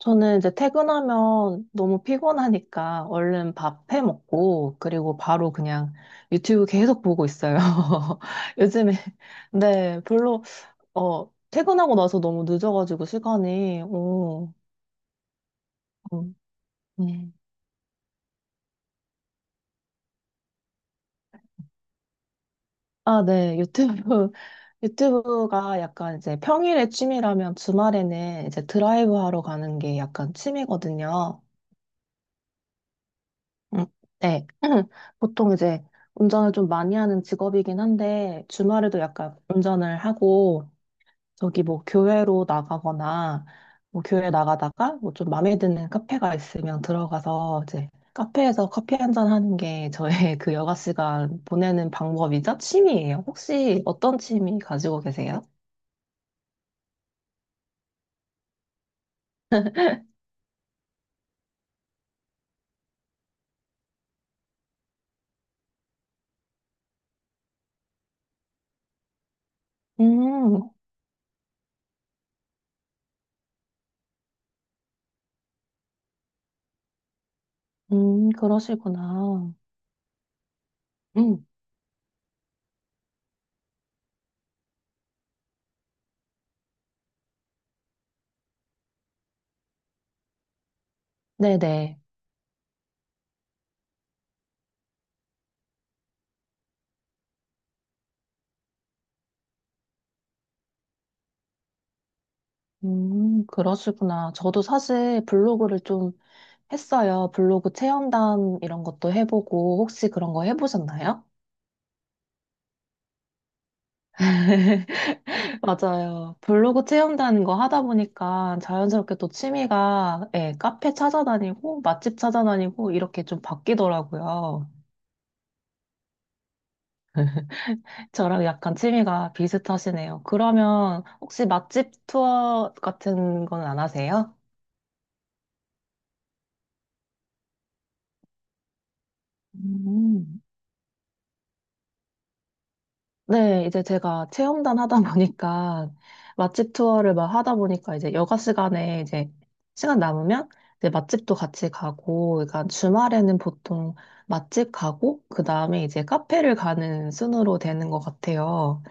저는 이제 퇴근하면 너무 피곤하니까 얼른 밥 해 먹고 그리고 바로 그냥 유튜브 계속 보고 있어요. 요즘에 네 별로 퇴근하고 나서 너무 늦어가지고 시간이 오, 음, 음. 아, 네 유튜브 유튜브가 약간 이제 평일에 취미라면 주말에는 이제 드라이브 하러 가는 게 약간 취미거든요. 음, 네. 보통 이제 운전을 좀 많이 하는 직업이긴 한데, 주말에도 약간 운전을 하고, 저기 뭐 교회로 나가거나, 뭐 교회 나가다가 뭐 좀 마음에 드는 카페가 있으면 들어가서 이제 카페에서 커피 한 잔 하는 게 저의 그 여가 시간 보내는 방법이자 취미예요. 혹시 어떤 취미 가지고 계세요? 음, 그러시구나. 음, 네네. 그러시구나. 저도 사실 블로그를 좀 했어요. 블로그 체험단 이런 것도 해보고 혹시 그런 거 해보셨나요? 맞아요. 블로그 체험단 거 하다 보니까 자연스럽게 또 취미가 예, 카페 찾아다니고 맛집 찾아다니고 이렇게 좀 바뀌더라고요. 저랑 약간 취미가 비슷하시네요. 그러면 혹시 맛집 투어 같은 건 안 하세요? 음. 네, 이제 제가 체험단 하다 보니까 맛집 투어를 막 하다 보니까 이제 여가 시간에 이제 시간 남으면 이제 맛집도 같이 가고, 그러니까 주말에는 보통 맛집 가고, 그 다음에 이제 카페를 가는 순으로 되는 것 같아요.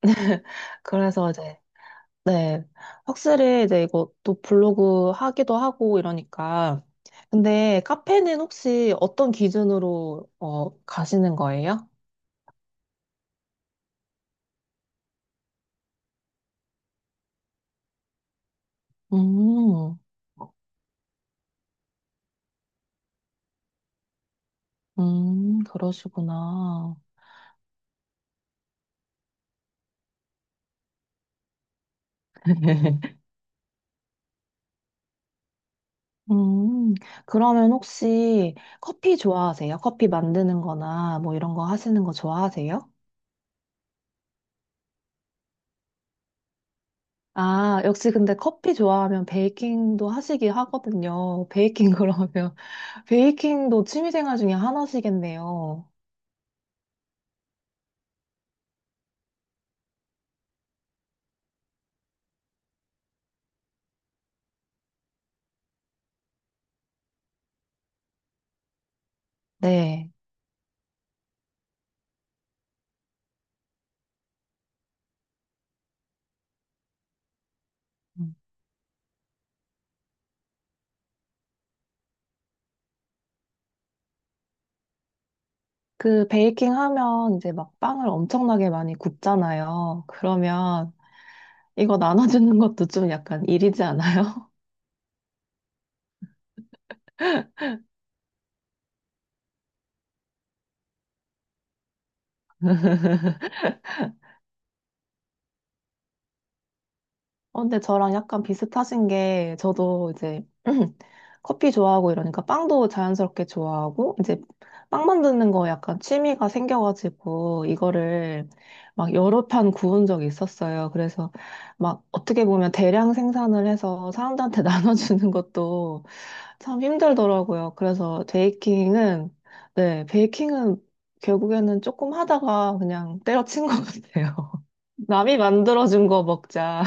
그래서 이제, 네, 확실히 이제 이것도 블로그 하기도 하고 이러니까. 근데 카페는 혹시 어떤 기준으로 가시는 거예요? 음. 그러시구나. 음, 그러면 혹시 커피 좋아하세요? 커피 만드는 거나 뭐 이런 거 하시는 거 좋아하세요? 아, 역시 근데 커피 좋아하면 베이킹도 하시기 하거든요. 베이킹 그러면. 베이킹도 취미생활 중에 하나시겠네요. 네. 음. 그 베이킹 하면 이제 막 빵을 엄청나게 많이 굽잖아요. 그러면 이거 나눠주는 것도 좀 약간 일이지 않아요? 근데 저랑 약간 비슷하신 게 저도 이제 커피 좋아하고 이러니까 빵도 자연스럽게 좋아하고 이제 빵 만드는 거 약간 취미가 생겨가지고 이거를 막 여러 판 구운 적이 있었어요. 그래서 막 어떻게 보면 대량 생산을 해서 사람들한테 나눠주는 것도 참 힘들더라고요. 그래서 베이킹은 네, 베이킹은 결국에는 조금 하다가 그냥 때려친 것 같아요. 남이 만들어준 거 먹자.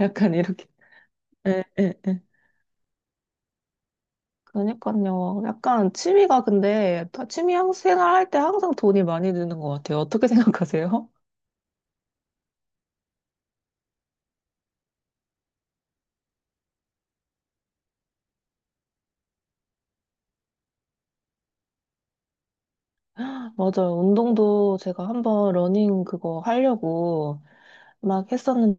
약간 이렇게. 예, 예, 예. 그러니까요. 약간 취미가 근데 다 취미 생활할 때 항상 돈이 많이 드는 것 같아요. 어떻게 생각하세요? 맞아요. 운동도 제가 한번 러닝 그거 하려고 막 했었는데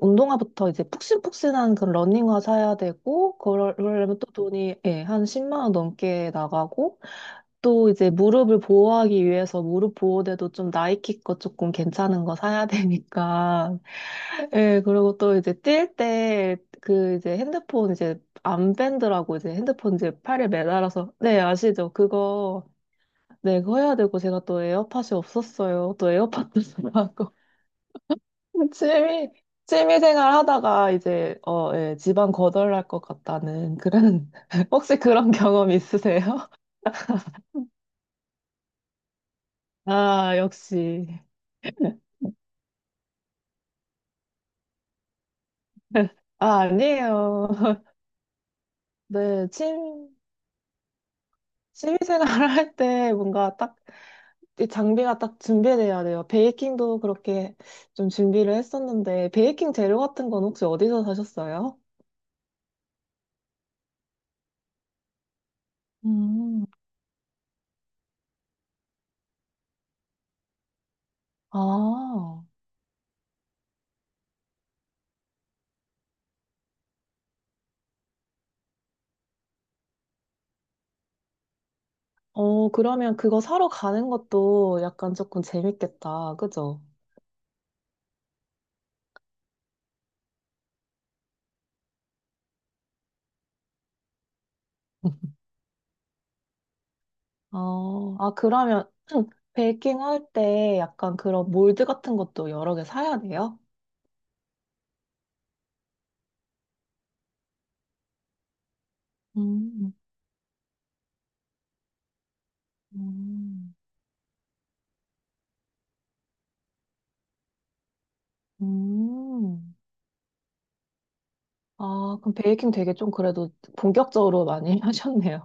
운동화부터 이제 푹신푹신한 그런 러닝화 사야 되고 그러려면 또 돈이 예, 한 10만 원 넘게 나가고 또 이제 무릎을 보호하기 위해서 무릎 보호대도 좀 나이키 거 조금 괜찮은 거 사야 되니까 예, 그리고 또 이제 뛸 때 그 이제 핸드폰 이제 암밴드라고 이제 핸드폰 이제 팔에 매달아서 네, 아시죠? 그거 네, 그거 해야 되고 제가 또 에어팟이 없었어요. 또 에어팟도 사고 취미 취미 생활 하다가 이제 예, 집안 거덜날 것 같다는 그런 혹시 그런 경험 있으세요? 아, 역시. 아, 아니에요. 네, 취미 생활 할 때 뭔가 딱 이 장비가 딱 준비돼야 돼요. 베이킹도 그렇게 좀 준비를 했었는데, 베이킹 재료 같은 건 혹시 어디서 사셨어요? 음, 아, 그러면 그거 사러 가는 것도 약간 조금 재밌겠다. 그죠? 아, 그러면 베이킹 할 때 약간 그런 몰드 같은 것도 여러 개 사야 돼요? 음, 음, 음. 아, 그럼 베이킹 되게 좀 그래도 본격적으로 많이 하셨네요.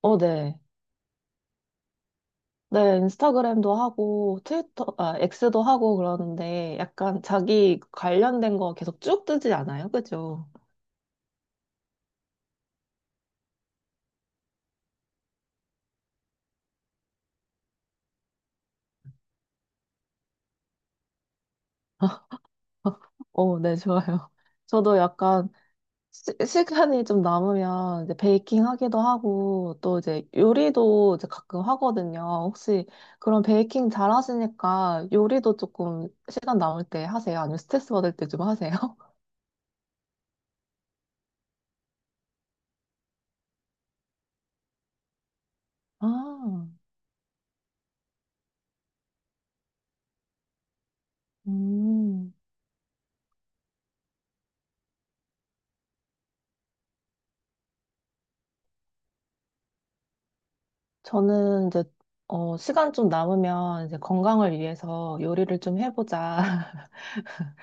어, 네. 네, 인스타그램도 하고, 트위터, 아, X도 하고 그러는데, 약간 자기 관련된 거 계속 쭉 뜨지 않아요? 그죠? 어, 네, 좋아요. 저도 약간 시간이 좀 남으면 이제 베이킹 하기도 하고, 또 이제 요리도 이제 가끔 하거든요. 혹시 그런 베이킹 잘 하시니까 요리도 조금 시간 남을 때 하세요? 아니면 스트레스 받을 때 좀 하세요? 아, 음. 저는 이제 시간 좀 남으면 이제 건강을 위해서 요리를 좀 해보자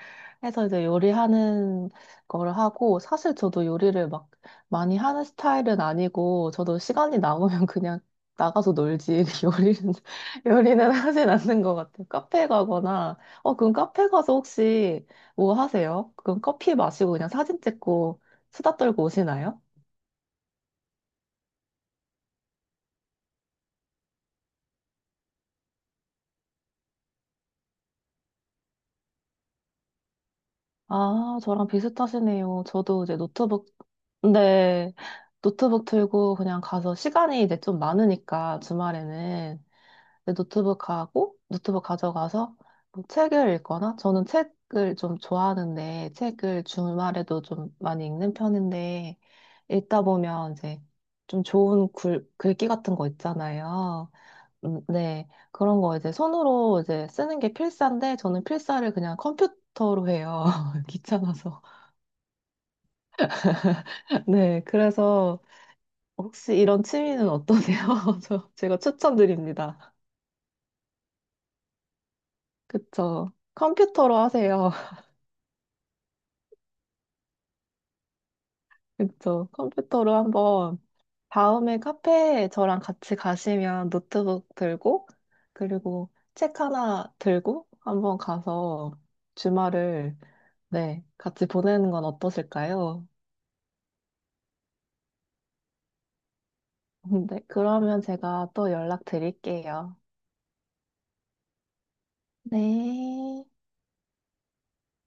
해서 이제 요리하는 거를 하고 사실 저도 요리를 막 많이 하는 스타일은 아니고 저도 시간이 남으면 그냥 나가서 놀지 요리는 하진 않는 것 같아요. 카페 가거나 그럼 카페 가서 혹시 뭐 하세요? 그럼 커피 마시고 그냥 사진 찍고 수다 떨고 오시나요? 아, 저랑 비슷하시네요. 저도 이제 노트북, 네, 노트북 들고 그냥 가서 시간이 이제 좀 많으니까 주말에는 이제 노트북 가고, 노트북 가져가서 뭐 책을 읽거나, 저는 책을 좀 좋아하는데, 책을 주말에도 좀 많이 읽는 편인데, 읽다 보면 이제 좀 좋은 글귀 같은 거 있잖아요. 네. 그런 거 이제 손으로 이제 쓰는 게 필사인데 저는 필사를 그냥 컴퓨터로 해요. 귀찮아서. 네. 그래서 혹시 이런 취미는 어떠세요? 제가 추천드립니다. 그쵸. 컴퓨터로 하세요. 그쵸. 컴퓨터로 한번 다음에 카페에 저랑 같이 가시면 노트북 들고 그리고 책 하나 들고 한번 가서 주말을 네, 같이 보내는 건 어떠실까요? 네, 그러면 제가 또 연락드릴게요. 네.